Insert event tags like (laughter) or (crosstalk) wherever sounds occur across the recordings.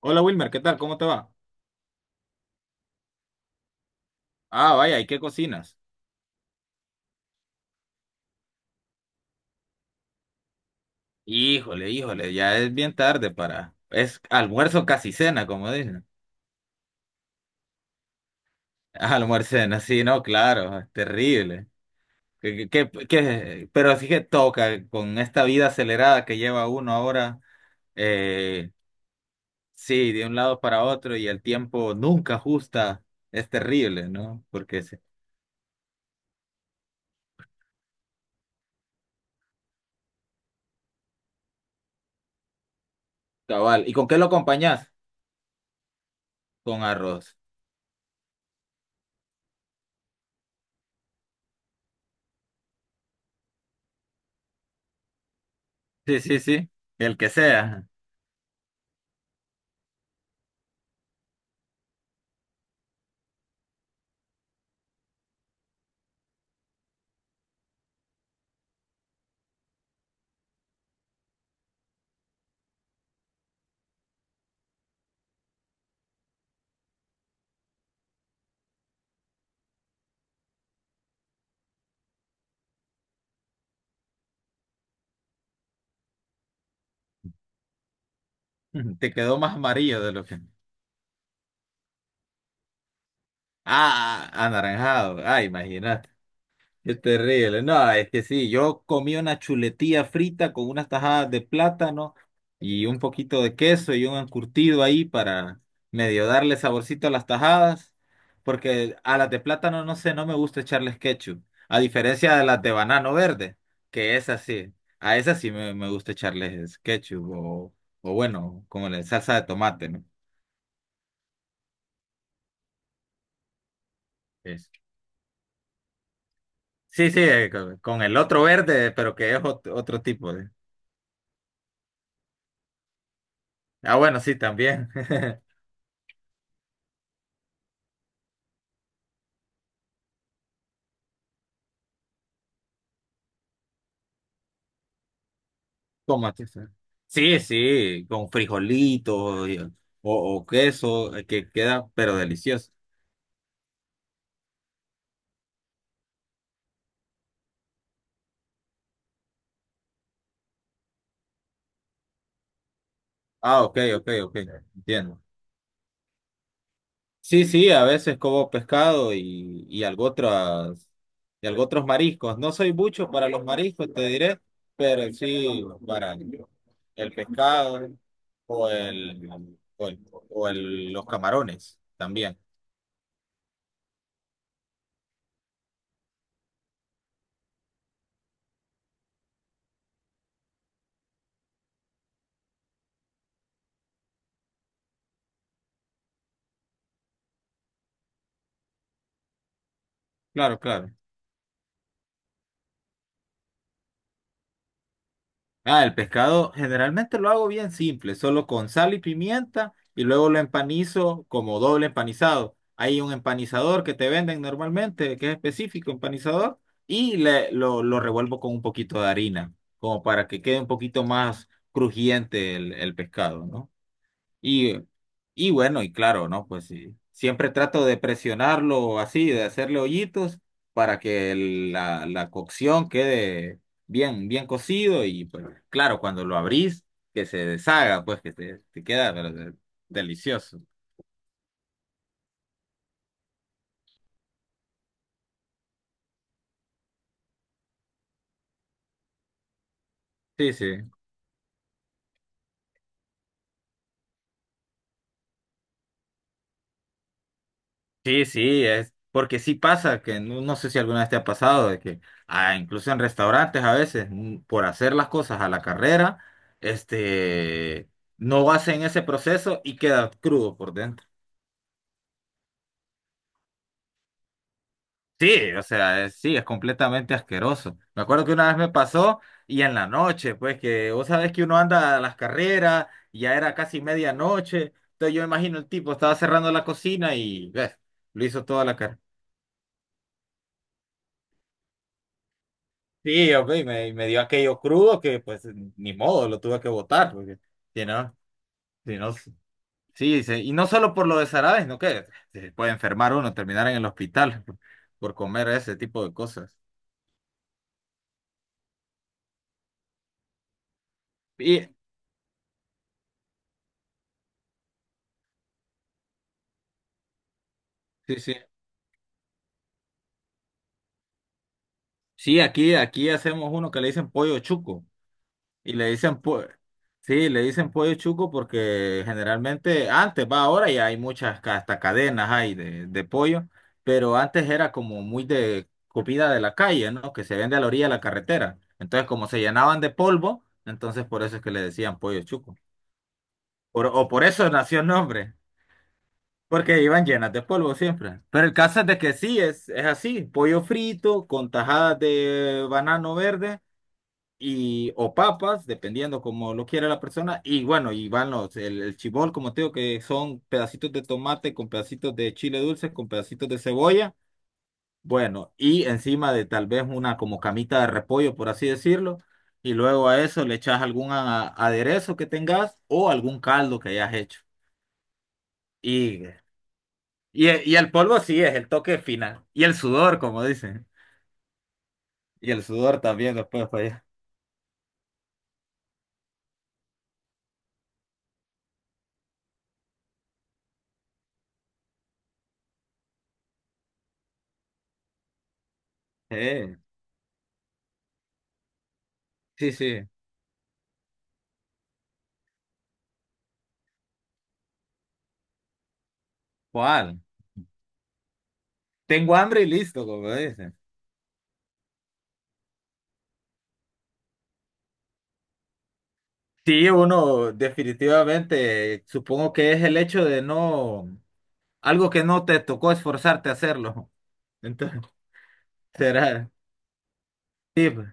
Hola Wilmer, ¿qué tal? ¿Cómo te va? Ah, vaya, ¿y qué cocinas? Híjole, híjole, ya es bien tarde para... Es almuerzo casi cena, como dicen. (laughs) Ah, almuerzo cena, sí, no, claro, es terrible. Pero así que toca con esta vida acelerada que lleva uno ahora, eh, sí, de un lado para otro y el tiempo nunca ajusta, es terrible, ¿no? Porque es cabal. ¿Y con qué lo acompañás? Con arroz. Sí, sí, sí, el que sea. (laughs) Te quedó más amarillo de lo que... Ah, ah, anaranjado. Ah, imagínate. Qué terrible. No, es que sí, yo comí una chuletilla frita con unas tajadas de plátano y un poquito de queso y un encurtido ahí para medio darle saborcito a las tajadas, porque a las de plátano no sé, no me gusta echarles ketchup, a diferencia de las de banano verde, que es así. A esas sí me gusta echarles ketchup o bueno, como la salsa de tomate, ¿no? Sí, sí, con el otro verde, pero que es otro tipo de. Ah, bueno, sí, también. (laughs) Tomate. Sí, sí, sí, con frijolitos o queso, que queda, pero delicioso. Ah, ok, ok, ok, entiendo. Sí, sí, a veces como pescado y algo otras, y algo otros mariscos. No soy mucho para los mariscos, te diré, pero sí para el pescado o el, o el- o los camarones también. Claro, claro. Ah, el pescado generalmente lo hago bien simple, solo con sal y pimienta y luego lo empanizo como doble empanizado. Hay un empanizador que te venden normalmente, que es específico, empanizador, y lo revuelvo con un poquito de harina, como para que quede un poquito más crujiente el pescado, ¿no? Y, y bueno, y claro, ¿no? Pues sí, siempre trato de presionarlo así, de hacerle hoyitos para que la cocción quede bien, bien cocido y pues claro, cuando lo abrís, que se deshaga, pues que te queda pero delicioso. Sí, sí. Sí, sí, es porque sí pasa que no sé si alguna vez te ha pasado de que ah, incluso en restaurantes a veces mm, por hacer las cosas a la carrera, este no hacen ese proceso y queda crudo por dentro. Sí, o sea, sí, es completamente asqueroso. Me acuerdo que una vez me pasó y en la noche, pues que vos sabés que uno anda a las carreras, y ya era casi medianoche, entonces yo me imagino el tipo estaba cerrando la cocina y ves, lo hizo toda la carrera. Sí, hombre, me dio aquello crudo que pues ni modo, lo tuve que botar, porque si no, si no, sí, sí, y no solo por lo de Sarabes, no que se puede enfermar uno, terminar en el hospital por comer ese tipo de cosas. Y, sí, sí, sí, aquí hacemos uno que le dicen pollo chuco. Y le dicen, pues, sí, le dicen pollo chuco porque generalmente antes, va ahora ya hay muchas, hasta cadenas hay de pollo, pero antes era como muy de comida de la calle, ¿no? Que se vende a la orilla de la carretera. Entonces, como se llenaban de polvo, entonces por eso es que le decían pollo chuco. O por eso nació el nombre, porque iban llenas de polvo siempre. Pero el caso es de que sí, es así, pollo frito con tajadas de banano verde y o papas, dependiendo como lo quiera la persona. Y bueno, y van el chibol, como te digo, que son pedacitos de tomate con pedacitos de chile dulce, con pedacitos de cebolla. Bueno, y encima de tal vez una como camita de repollo, por así decirlo. Y luego a eso le echas algún aderezo que tengas o algún caldo que hayas hecho. Y, y el polvo sí es el toque final. Y el sudor, como dicen. Y el sudor también después, pues. Eh, sí, sí. ¿Cuál? Tengo hambre y listo, como dicen. Sí, uno definitivamente, supongo que es el hecho de no, algo que no te tocó esforzarte a hacerlo. (laughs) Entonces, será, sí, pues.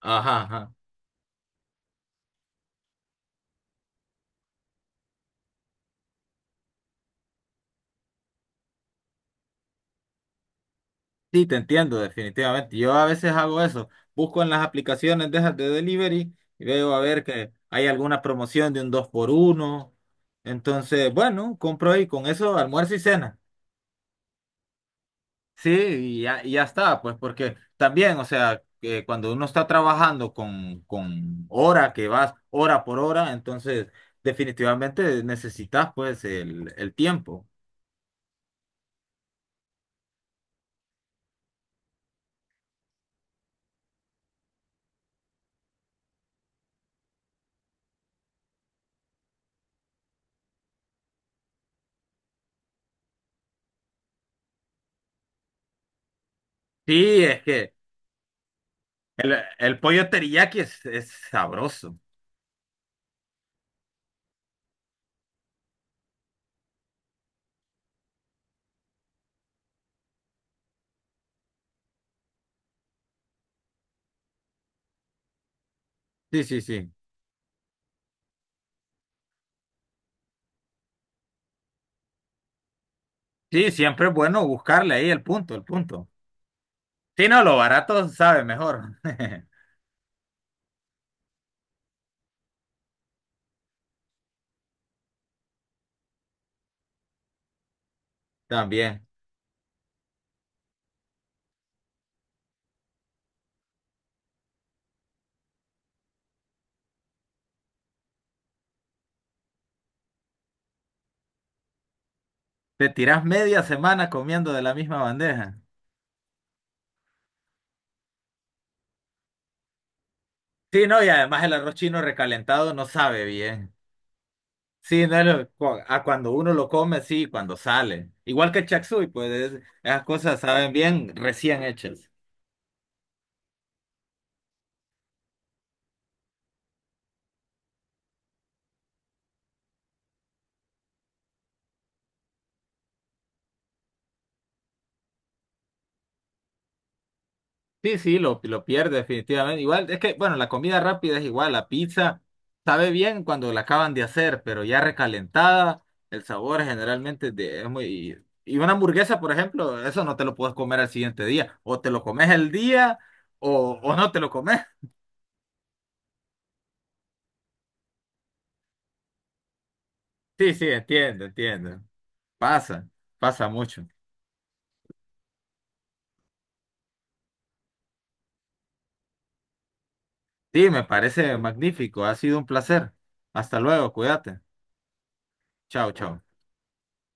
Ajá, ajá. Sí, te entiendo, definitivamente. Yo a veces hago eso, busco en las aplicaciones de esas de delivery y veo a ver que hay alguna promoción de un dos por uno. Entonces, bueno, compro ahí con eso almuerzo y cena. Sí, y ya está, pues porque también, o sea, que cuando uno está trabajando con hora que vas hora por hora, entonces definitivamente necesitas pues el tiempo. Sí, es que el pollo teriyaki es sabroso. Sí, sí, sí. Sí, siempre es bueno buscarle ahí el punto, el punto. Sí, no, lo barato sabe mejor. (laughs) También. Te tiras media semana comiendo de la misma bandeja. Sí, no, y además el arroz chino recalentado no sabe bien. Sí, no, no, cu- a cuando uno lo come, sí, cuando sale. Igual que el chapsui, pues esas cosas saben bien recién hechas. Sí, sí, lo pierde definitivamente. Igual, es que, bueno, la comida rápida es igual, la pizza sabe bien cuando la acaban de hacer, pero ya recalentada, el sabor generalmente es muy... Y una hamburguesa, por ejemplo, eso no te lo puedes comer al siguiente día. O te lo comes el día o no te lo comes. Sí, sí, entiendo, entiendo. Pasa, pasa mucho. Sí, me parece magnífico. Ha sido un placer. Hasta luego, cuídate. Chao, chao.